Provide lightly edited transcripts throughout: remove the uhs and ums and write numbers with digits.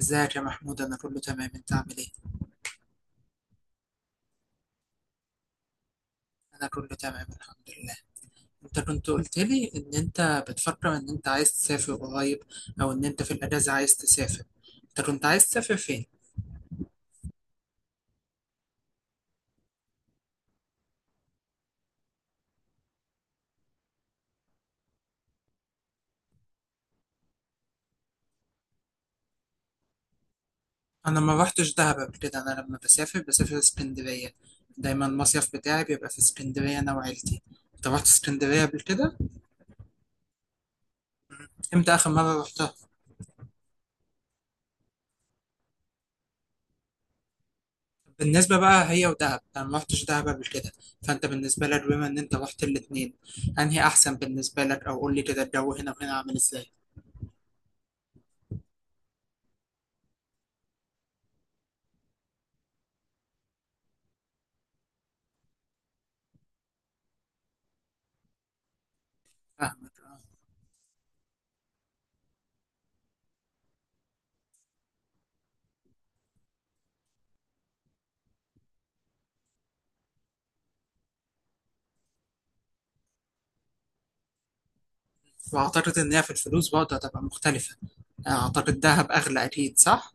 ازيك يا محمود؟ انا كله تمام، انت عامل ايه؟ انا كله تمام الحمد لله. انت كنت قلت لي ان انت بتفكر ان انت عايز تسافر قريب او ان انت في الاجازه عايز تسافر. انت كنت عايز تسافر فين؟ انا ما رحتش دهب قبل كده. انا لما بسافر بسافر اسكندريه. دايما المصيف بتاعي بيبقى في اسكندريه انا وعيلتي. انت رحت اسكندريه قبل كده؟ امتى اخر مره رحتها؟ بالنسبة بقى هي ودهب أنا ما رحتش دهب قبل كده. فأنت بالنسبة لك بما إن أنت رحت الاتنين، أنهي أحسن بالنسبة لك؟ أو قول لي كده الجو هنا وهنا عامل إزاي؟ فاهمك، آه. وأعتقد إن هي في الفلوس برضه هتبقى مختلفة. يعني أعتقد دهب أغلى أكيد، صح؟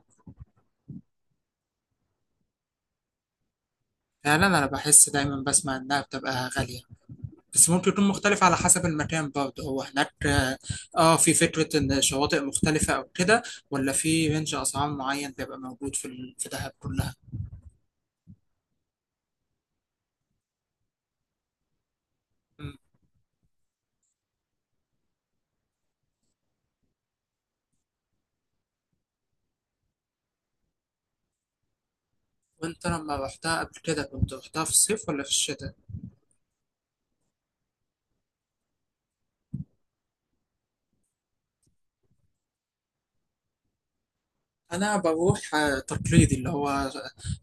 فعلا أنا بحس، دايما بسمع إنها بتبقى غالية. بس ممكن يكون مختلف على حسب المكان برضه، هو هناك في فكرة ان شواطئ مختلفة او كده، ولا في رينج اسعار معين بيبقى موجود في في دهب كلها؟ مم. وانت لما رحتها قبل كده كنت رحتها في الصيف ولا في الشتاء؟ انا بروح تقليدي اللي هو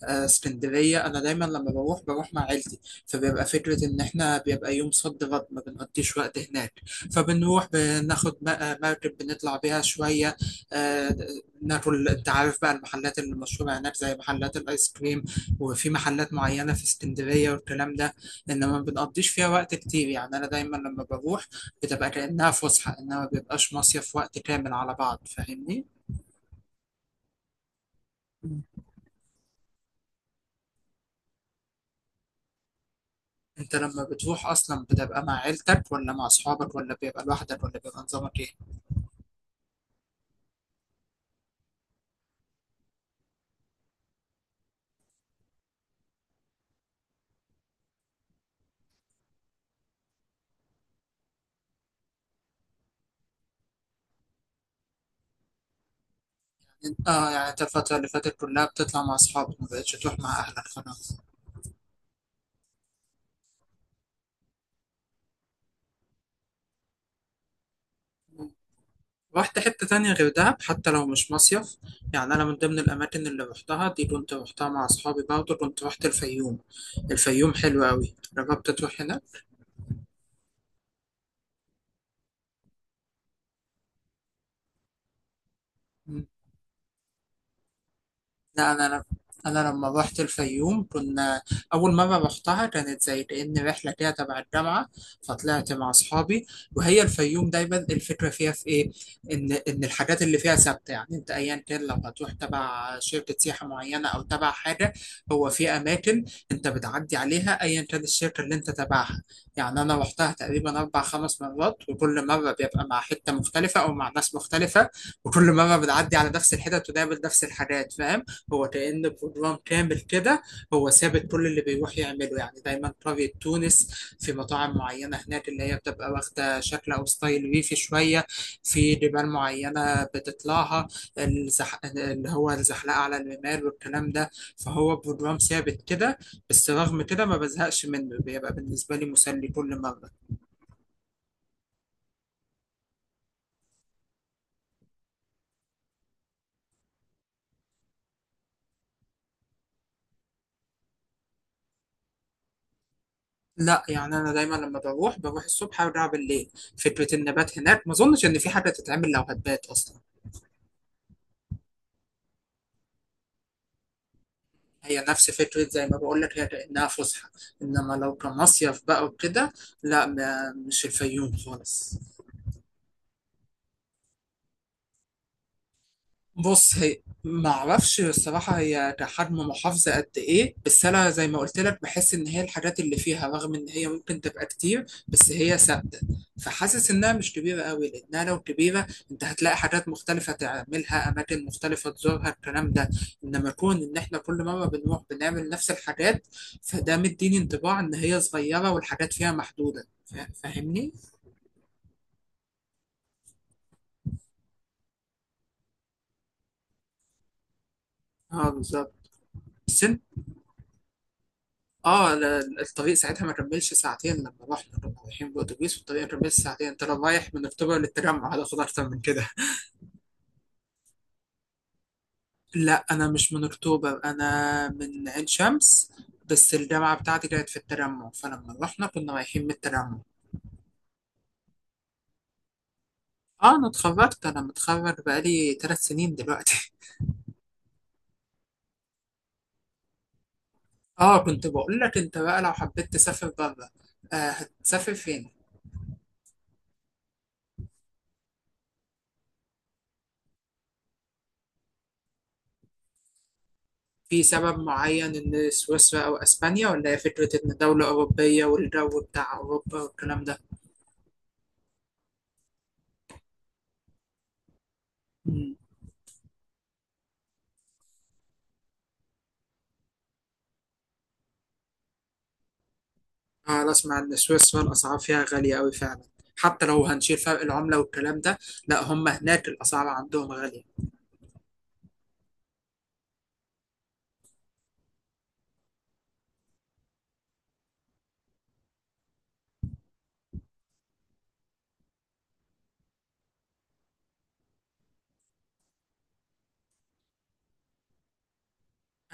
اسكندريه. انا دايما لما بروح بروح مع عيلتي. فبيبقى فكره ان احنا بيبقى يوم صد رد ما بنقضيش وقت هناك. فبنروح بناخد مركب بنطلع بيها شويه. آه، ناكل. انت عارف بقى المحلات اللي مشهوره هناك زي محلات الايس كريم، وفي محلات معينه في اسكندريه والكلام ده. انما ما بنقضيش فيها وقت كتير. يعني انا دايما لما بروح بتبقى كانها فسحه، انما ما بيبقاش مصيف وقت كامل على بعض، فاهمني؟ انت لما بتروح اصلا بتبقى مع عيلتك ولا مع اصحابك ولا بيبقى لوحدك ولا بيبقى نظامك ايه؟ يعني انت الفترة اللي فاتت كلها بتطلع مع اصحابك، ما بقتش تروح مع اهلك خلاص؟ رحت حتة تانية غير دهب حتى لو مش مصيف؟ يعني أنا من ضمن الأماكن اللي روحتها دي كنت روحتها مع أصحابي، برضه كنت روحت الفيوم. الفيوم حلوة أوي، جربت تروح هناك؟ لا انا لم... انا لما روحت الفيوم كنا، اول مره روحتها كانت زي كأن رحله كده تبع الجامعه، فطلعت مع اصحابي. وهي الفيوم دايما الفكره فيها في ايه؟ ان الحاجات اللي فيها ثابته. يعني انت ايا كان لو هتروح تبع شركه سياحه معينه او تبع حاجه، هو في اماكن انت بتعدي عليها ايا كان الشركه اللي انت تبعها. يعني انا روحتها تقريبا اربع خمس مرات، وكل مره بيبقى مع حته مختلفه او مع ناس مختلفه، وكل مره بتعدي على نفس الحتت وتقابل نفس الحاجات، فاهم؟ هو كأن بروجرام كامل كده، هو ثابت كل اللي بيروح يعمله. يعني دايما قرية تونس، في مطاعم معينة هناك اللي هي بتبقى واخدة شكل أو ستايل ريفي شوية، في جبال معينة بتطلعها، اللي هو الزحلقة على الرمال والكلام ده. فهو بروجرام ثابت كده، بس رغم كده ما بزهقش منه، بيبقى بالنسبة لي مسلي كل مرة. لا يعني أنا دايما لما بروح بروح الصبح أرجع بالليل. فكرة النبات هناك ما أظنش إن في حاجة تتعمل لو هتبات أصلا. هي نفس فكرة زي ما بقول لك، هي كأنها فسحة، إنما لو كمصيف بقى وكده، لا مش الفيوم خالص. بص هي ما اعرفش الصراحه، هي كحجم محافظه قد ايه، بس انا زي ما قلت لك بحس ان هي الحاجات اللي فيها، رغم ان هي ممكن تبقى كتير، بس هي ثابته. فحاسس انها مش كبيره قوي، لانها لو كبيره انت هتلاقي حاجات مختلفه تعملها، اماكن مختلفه تزورها، الكلام ده. انما كون ان احنا كل مره بنروح بنعمل نفس الحاجات، فده مديني انطباع ان هي صغيره والحاجات فيها محدوده، فاهمني؟ اه بالظبط. بس اه الطريق ساعتها ما كملش ساعتين. لما رحنا كنا رايحين بالاتوبيس، والطريق ما كملش ساعتين. انت لو رايح من اكتوبر للتجمع هتاخد اكتر من كده. لا انا مش من اكتوبر، انا من عين شمس، بس الجامعه بتاعتي كانت في التجمع، فلما رحنا كنا رايحين من التجمع. اه انا اتخرجت. انا متخرج بقالي 3 سنين دلوقتي. اه كنت بقول لك، انت بقى لو حبيت تسافر بره، آه هتسافر فين؟ في سبب معين ان سويسرا او اسبانيا، ولا هي فكره ان دوله اوروبيه والجو بتاع اوروبا والكلام ده؟ مم. أنا أسمع إن سويسرا الأسعار فيها غالية أوي فعلا، حتى لو هنشيل فرق العملة والكلام ده. لا، هم هناك الأسعار عندهم غالية.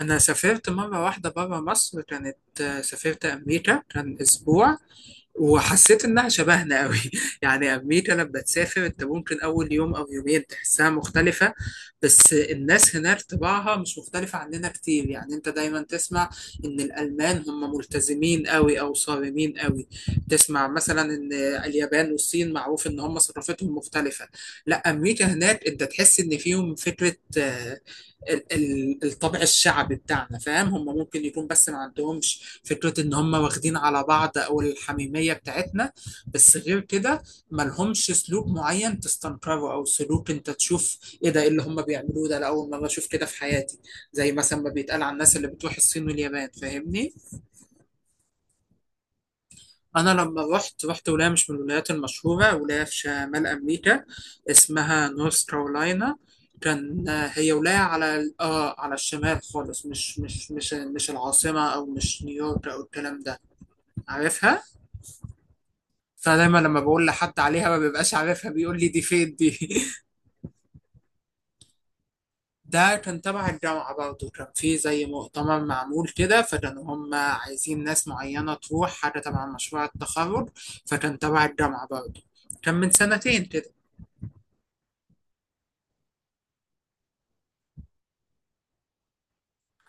أنا سافرت مرة واحدة برا مصر، كانت سافرت أمريكا، كان أسبوع، وحسيت إنها شبهنا قوي. يعني أمريكا لما تسافر أنت ممكن أول يوم أو يومين تحسها مختلفة، بس الناس هناك طباعها مش مختلفة عننا كتير. يعني أنت دايما تسمع إن الألمان هم ملتزمين قوي أو صارمين قوي. تسمع مثلا إن اليابان والصين معروف إن هم ثقافتهم مختلفة. لا، أمريكا هناك أنت تحس إن فيهم فكرة الطابع الشعبي بتاعنا، فاهم؟ هم ممكن يكون بس ما عندهمش فكرة ان هم واخدين على بعض او الحميمية بتاعتنا. بس غير كده ما لهمش سلوك معين تستنكره، او سلوك انت تشوف ايه ده، إيه اللي هم بيعملوه ده، انا اول مرة اشوف كده في حياتي، زي مثلا ما بيتقال عن الناس اللي بتروح الصين واليابان، فاهمني؟ أنا لما رحت ولاية مش من الولايات المشهورة، ولاية في شمال أمريكا، اسمها نورث كارولاينا. كان هي ولاية على الشمال خالص، مش العاصمة، أو مش نيويورك أو الكلام ده. عارفها؟ فدايما لما بقول لحد عليها ما بيبقاش عارفها، بيقول لي دي فين دي. ده كان تبع الجامعة برضه، كان في زي مؤتمر معمول كده، فكانوا هم عايزين ناس معينة تروح حاجة تبع مشروع التخرج. فكان تبع الجامعة برضه، كان من سنتين كده.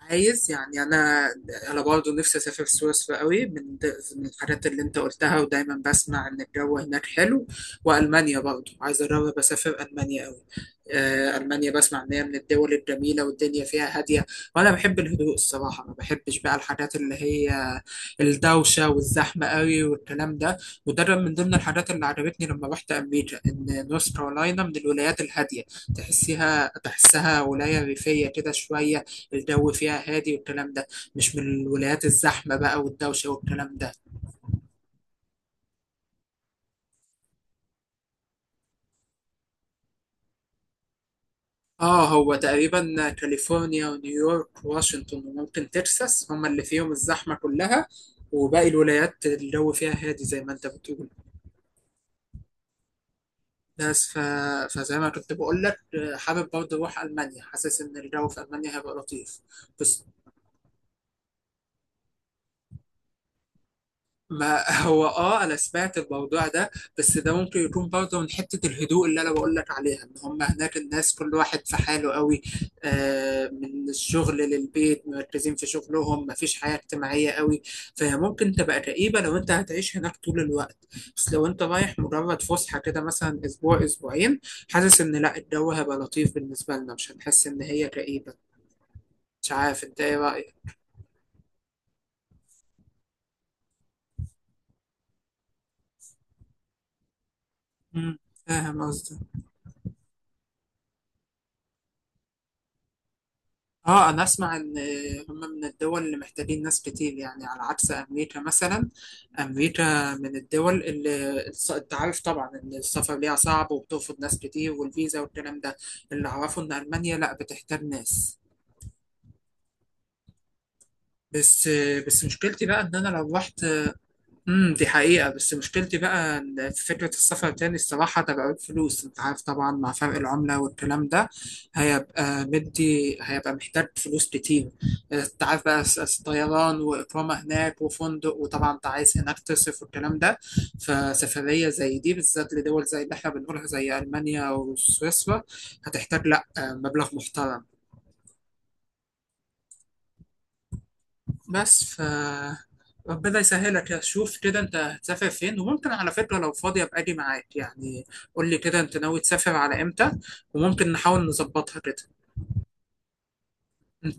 عايز يعني انا برضه نفسي اسافر سويسرا قوي، من من الحاجات اللي انت قلتها، ودايما بسمع ان الجو هناك حلو. والمانيا برضه عايز اجرب اسافر المانيا قوي. المانيا بسمع ان هي من الدول الجميله والدنيا فيها هاديه، وانا بحب الهدوء الصراحه، ما بحبش بقى الحاجات اللي هي الدوشه والزحمه قوي والكلام ده. وده كان من ضمن الحاجات اللي عجبتني لما رحت امريكا، ان نورث كارولاينا من الولايات الهاديه، تحسيها تحسها ولايه ريفيه كده شويه، الجو فيها هادي والكلام ده. مش من الولايات الزحمة بقى والدوشة والكلام ده. اه هو تقريبا كاليفورنيا ونيويورك واشنطن وممكن تكساس هما اللي فيهم الزحمة كلها، وباقي الولايات الجو فيها هادي زي ما انت بتقول. بس فزي ما كنت بقول لك، حابب برضه اروح المانيا، حاسس ان الجو في المانيا هيبقى لطيف. بس ما هو انا سمعت الموضوع ده. بس ده ممكن يكون برضه من حته الهدوء اللي انا بقول لك عليها، ان هم هناك الناس كل واحد في حاله قوي، من الشغل للبيت مركزين في شغلهم، ما فيش حياه اجتماعيه قوي. فهي ممكن تبقى كئيبه لو انت هتعيش هناك طول الوقت، بس لو انت رايح مجرد فسحه كده مثلا اسبوع اسبوعين، حاسس ان لا الجو هيبقى لطيف بالنسبه لنا، مش هنحس ان هي كئيبه. مش عارف انت ايه رايك. مم. فاهم قصدي. اه انا اسمع ان هم من الدول اللي محتاجين ناس كتير، يعني على عكس امريكا مثلا. امريكا من الدول اللي انت عارف طبعا ان السفر ليها صعب وبترفض ناس كتير والفيزا والكلام ده. اللي اعرفه ان المانيا لا بتحتاج ناس. بس بس مشكلتي بقى ان انا لو رحت. دي حقيقة، بس مشكلتي بقى إن في فكرة السفر تاني، الصراحة تبعت فلوس، انت عارف طبعا مع فرق العملة والكلام ده هيبقى مدي، هيبقى محتاج فلوس كتير. انت عارف بقى طيران وإقامة هناك وفندق، وطبعا انت عايز هناك تصرف والكلام ده. فسفرية زي دي بالذات لدول زي اللي احنا بنقولها زي ألمانيا وسويسرا هتحتاج لا مبلغ محترم. بس ربنا يسهلك يا، شوف كده انت هتسافر فين، وممكن على فكرة لو فاضي ابقى اجي معاك يعني. قول لي كده انت ناوي تسافر على امتى، وممكن نحاول نظبطها كده. انت،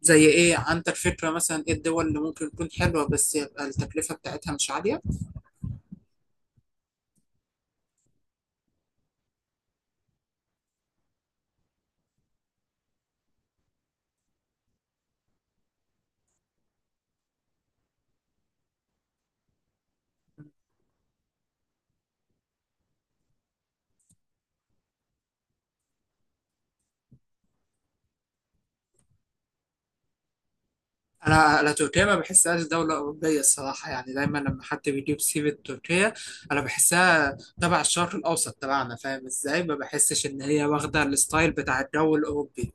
زي ايه عندك فكرة مثلا ايه الدول اللي ممكن تكون حلوة بس يبقى التكلفة بتاعتها مش عالية؟ انا تركيا ما بحسهاش دوله اوروبيه الصراحه. يعني دايما لما حد بيجيب سيره تركيا انا بحسها تبع الشرق الاوسط تبعنا، فاهم ازاي؟ ما بحسش ان هي واخده الستايل بتاع الجو الاوروبي.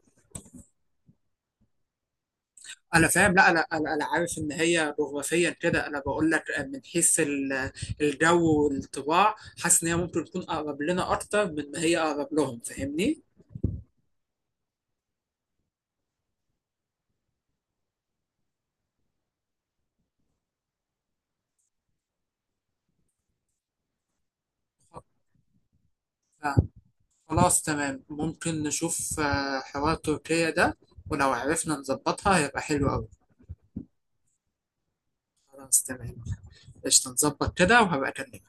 انا فاهم، لا انا انا أنا عارف ان هي جغرافيا كده، انا بقول لك من حيث الجو والطباع. حاسس ان هي ممكن تكون اقرب لنا اكتر من ما هي اقرب لهم، فاهمني؟ آه، خلاص تمام، ممكن نشوف حوار تركيا ده. ولو عرفنا نظبطها هيبقى حلو قوي. خلاص تمام. قشطة، نظبط كده وهبقى أكلمك.